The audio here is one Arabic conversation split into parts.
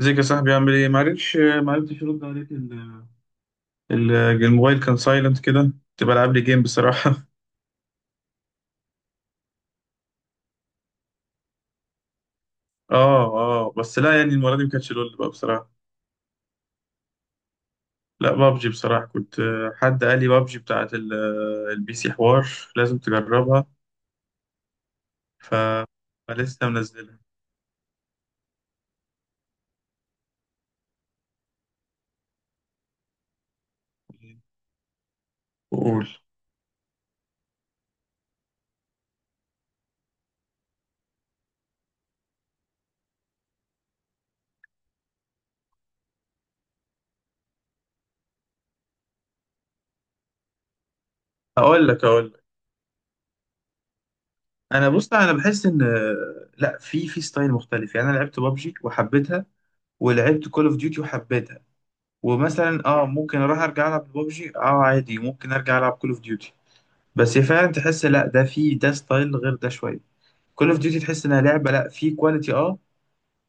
ازيك يا صاحبي؟ عامل ايه؟ معرفتش ارد عليك. ال- الموبايل كان سايلنت كده، كنت بلعب لي جيم بصراحه. اه بس لا، يعني المره دي ما كانتش لول بقى بصراحه. لا، بابجي بصراحه. كنت حد قال لي بابجي بتاعت البي سي. حوار لازم تجربها. ف فلسه منزلها. قول. اقول لك. انا بحس ان آه، لا في ستايل مختلف. يعني انا لعبت بابجي وحبيتها، ولعبت كول اوف ديوتي وحبيتها. ومثلا اه ممكن اروح ارجع العب ببجي، اه عادي ممكن ارجع العب كول اوف ديوتي. بس هي فعلا تحس، لا ده في ده ستايل غير ده شويه. كول اوف ديوتي تحس انها لعبه، لا، في كواليتي اه،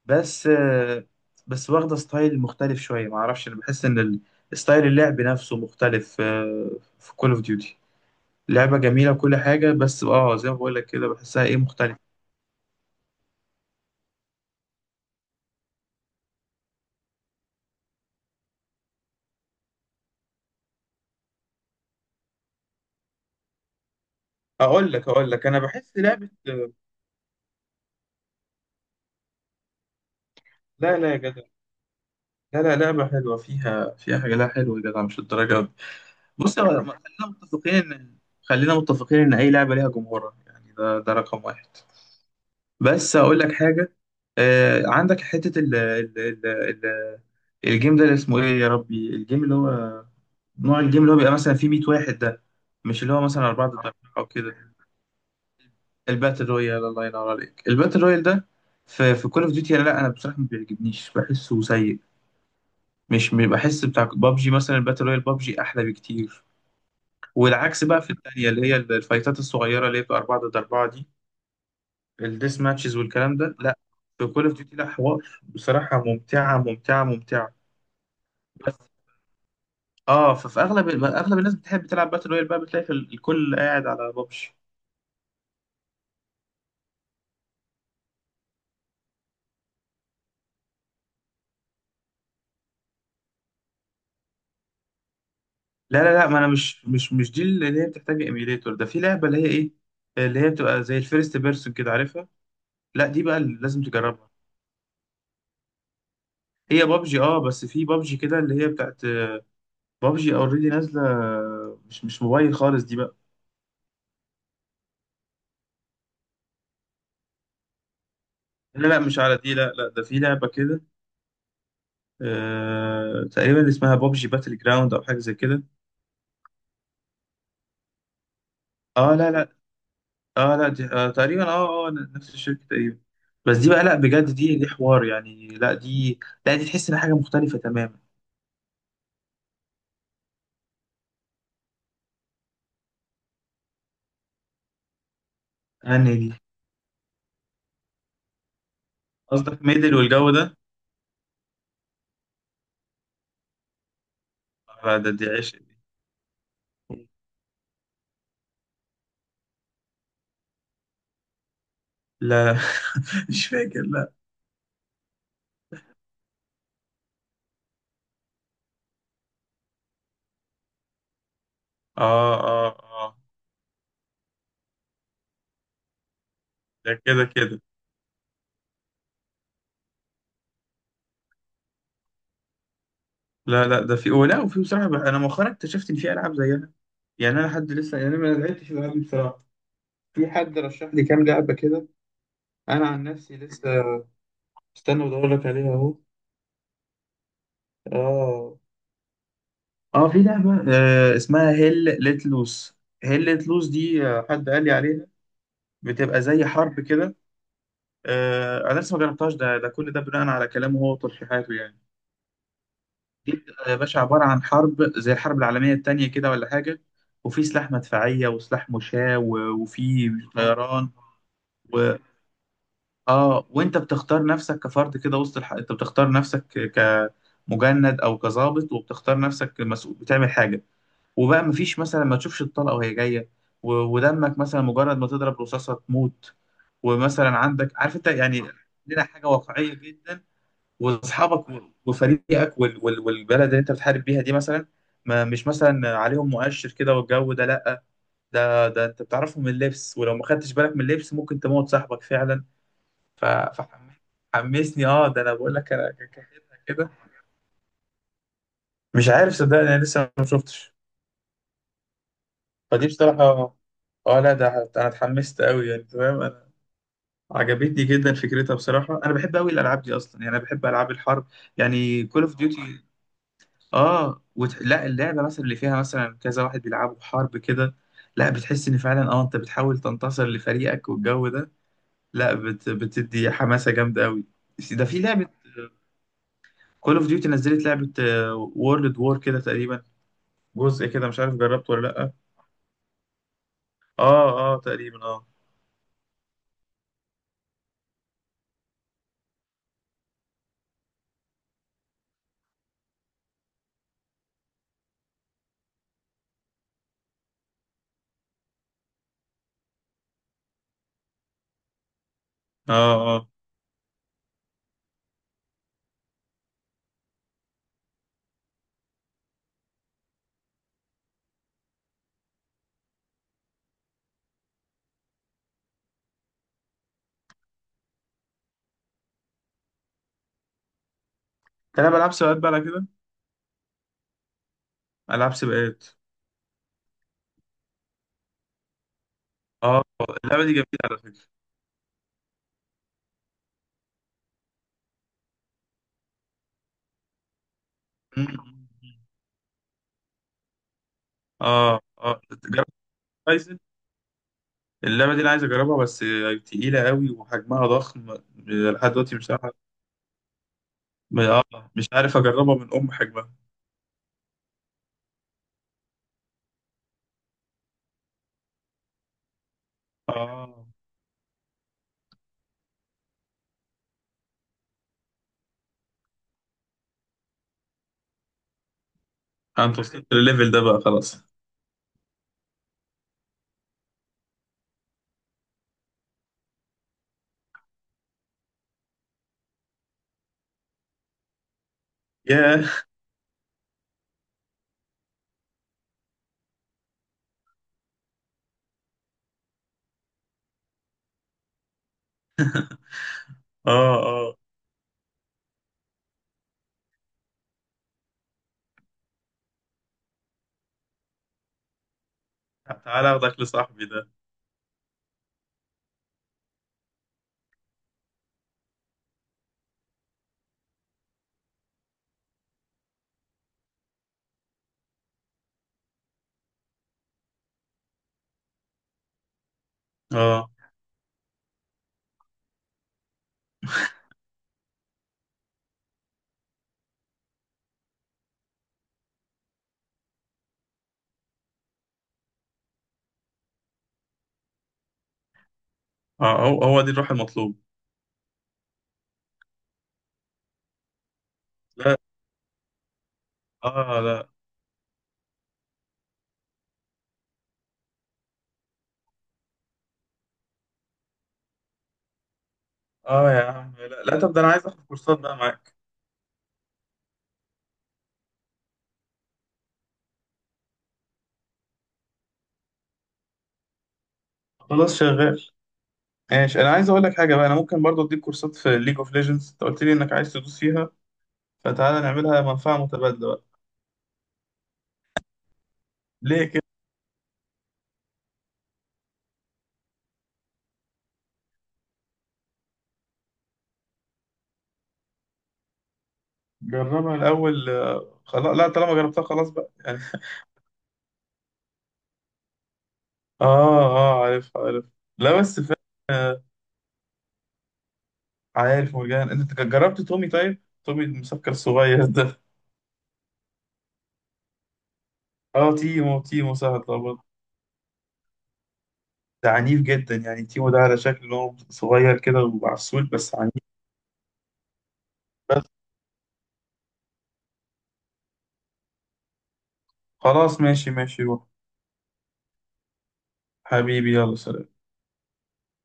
بس آه بس واخده ستايل مختلف شويه. ما اعرفش، انا بحس ان ستايل اللعب نفسه مختلف آه، في كول اوف ديوتي. لعبه جميله وكل حاجه، بس اه زي ما بقول لك كده بحسها ايه، مختلف. اقول لك. انا بحس لعبه لا لا يا جدع، لا لا. لعبه حلوه، فيها حاجه لا حلوه يا جدع، مش الدرجه. بص خلينا متفقين ان، خلينا متفقين ان اي لعبه ليها جمهورها، يعني ده ده رقم واحد. بس اقول لك حاجه، آه عندك حته ال الجيم ده اللي اسمه ايه يا ربي، الجيم اللي هو نوع الجيم اللي هو بيبقى مثلا فيه 100 واحد ده، مش اللي هو مثلا أربعة ضد أربعة أو كده. الباتل رويال، الله ينور عليك. الباتل رويال ده في كول أوف ديوتي، لا أنا بصراحة ما بيعجبنيش، بحسه سيء. مش بحس بتاع بابجي، مثلا الباتل رويال بابجي أحلى بكتير. والعكس بقى في الثانيه، اللي هي الفايتات الصغيره اللي هي بتبقى 4 ضد 4 دي، الديس ماتشز والكلام ده، لا في كول اوف ديوتي لا، حوار بصراحه، ممتعه ممتعه ممتعه. بس اه ففي اغلب اغلب الناس بتحب تلعب باتل رويال بقى، بتلاقي في الكل قاعد على ببجي. لا لا لا، ما انا مش دي اللي هي بتحتاج ايميليتور، ده في لعبه اللي هي ايه، اللي هي بتبقى زي الفيرست بيرسون كده، عارفها؟ لا دي بقى اللي لازم تجربها. هي بابجي اه، بس في بابجي كده اللي هي بتاعت بابجي اوريدي نازله. مش موبايل خالص دي بقى. لا لا مش على دي، لا لا، ده في لعبة كده، آه تقريبا اسمها بابجي باتل جراوند او حاجة زي كده. اه لا لا، اه لا دي تقريبا نفس الشركة تقريبا. بس دي بقى لا بجد، دي حوار يعني، لا دي، لا دي تحس ان حاجة مختلفة تماما. يعني دي، قصدك ميدل والجو ده؟ آه دي عشق دي. لا لا. مش فاكر لا. اه. ده كده. لا لا، ده في، ولا وفي بصراحة بقى انا مؤخرا اكتشفت ان في العاب زيها. يعني انا حد لسه، يعني أنا ما لعبتش الالعاب دي بصراحة. في حد رشح لي كام لعبة كده. أنا عن نفسي لسه. استنى بدور لك عليها أهو. آه في لعبة اسمها هيل ليت لوس. هيل ليت لوس دي حد قال لي عليها. بتبقى زي حرب كده. آه أنا لسه ما جربتهاش، ده ده كل ده بناء على كلامه هو وترشيحاته يعني. دي بتبقى يا باشا عبارة عن حرب زي الحرب العالمية التانية كده ولا حاجة، وفي سلاح مدفعية وسلاح مشاة وفي طيران. اه وانت بتختار نفسك كفرد كده وسط انت بتختار نفسك كمجند او كظابط، وبتختار نفسك مسؤول بتعمل حاجه. وبقى مفيش، مثلا ما تشوفش الطلقه وهي جايه، ودمك، مثلا مجرد ما تضرب رصاصه تموت. ومثلا عندك، عارف انت يعني، لنا حاجه واقعيه جدا. واصحابك وفريقك والبلد اللي انت بتحارب بيها دي، مثلا ما مش مثلا عليهم مؤشر كده والجو ده، لا. ده ده انت بتعرفهم من اللبس، ولو ما خدتش بالك من اللبس ممكن تموت صاحبك فعلا. ف- فحمسني اه. ده انا بقول لك انا كاخدها كده. مش عارف صدقني، انا لسه ما شفتش. فدي بصراحه اه، لا ده انا اتحمست قوي يعني. تمام، انا عجبتني جدا فكرتها بصراحه. انا بحب قوي الالعاب دي اصلا، يعني انا بحب العاب الحرب. يعني كول اوف ديوتي اه لا، اللعبه مثلا اللي فيها مثلا كذا واحد بيلعبوا حرب كده، لا بتحس ان فعلا اه انت بتحاول تنتصر لفريقك والجو ده، لا بتدي حماسه جامده قوي. ده في لعبه كول اوف ديوتي نزلت لعبة وورلد وور كده تقريبا، جزء كده، مش عارف جربته ولا لأ. اه اه تقريبا اه. تلعب ألعاب سباقات بقى على كده؟ ألعاب سباقات اه. اللعبة دي جميلة على فكرة. مم. اه، جربت هورايزن؟ اللعبة دي أنا عايز أجربها بس تقيلة قوي وحجمها ضخم، لحد دلوقتي مش عارف، مش عارف أجربها من أم حجمها. اه. أنت وصلت للليفل ده بقى، خلاص. ياه. اه اه، تعالى أخدك لصاحبي ده. اه اه، هو هو دي الروح المطلوب. لا. اه لا. اه يا عم لا لا، طب ده انا عايز اخد كورسات بقى معاك. خلاص شغال. ماشي، انا عايز اقول لك حاجه بقى، انا ممكن برضو اديك كورسات في ليج اوف ليجندز، انت قلت لي انك عايز تدوس فيها، فتعالى نعملها منفعه متبادله بقى. ليه كده؟ جربها الاول خلاص لا، طالما جربتها خلاص بقى يعني. اه، عارف. لا بس فعلا آه، عارف مرجان؟ انت جربت تومي؟ طيب تومي المسكر الصغير ده؟ اه تيمو، تيمو سهل طبعا. ده عنيف جدا يعني، تيمو ده على شكل إن هو صغير كده وعسول، بس عنيف. بس خلاص ماشي ماشي، روح حبيبي يلا سلام.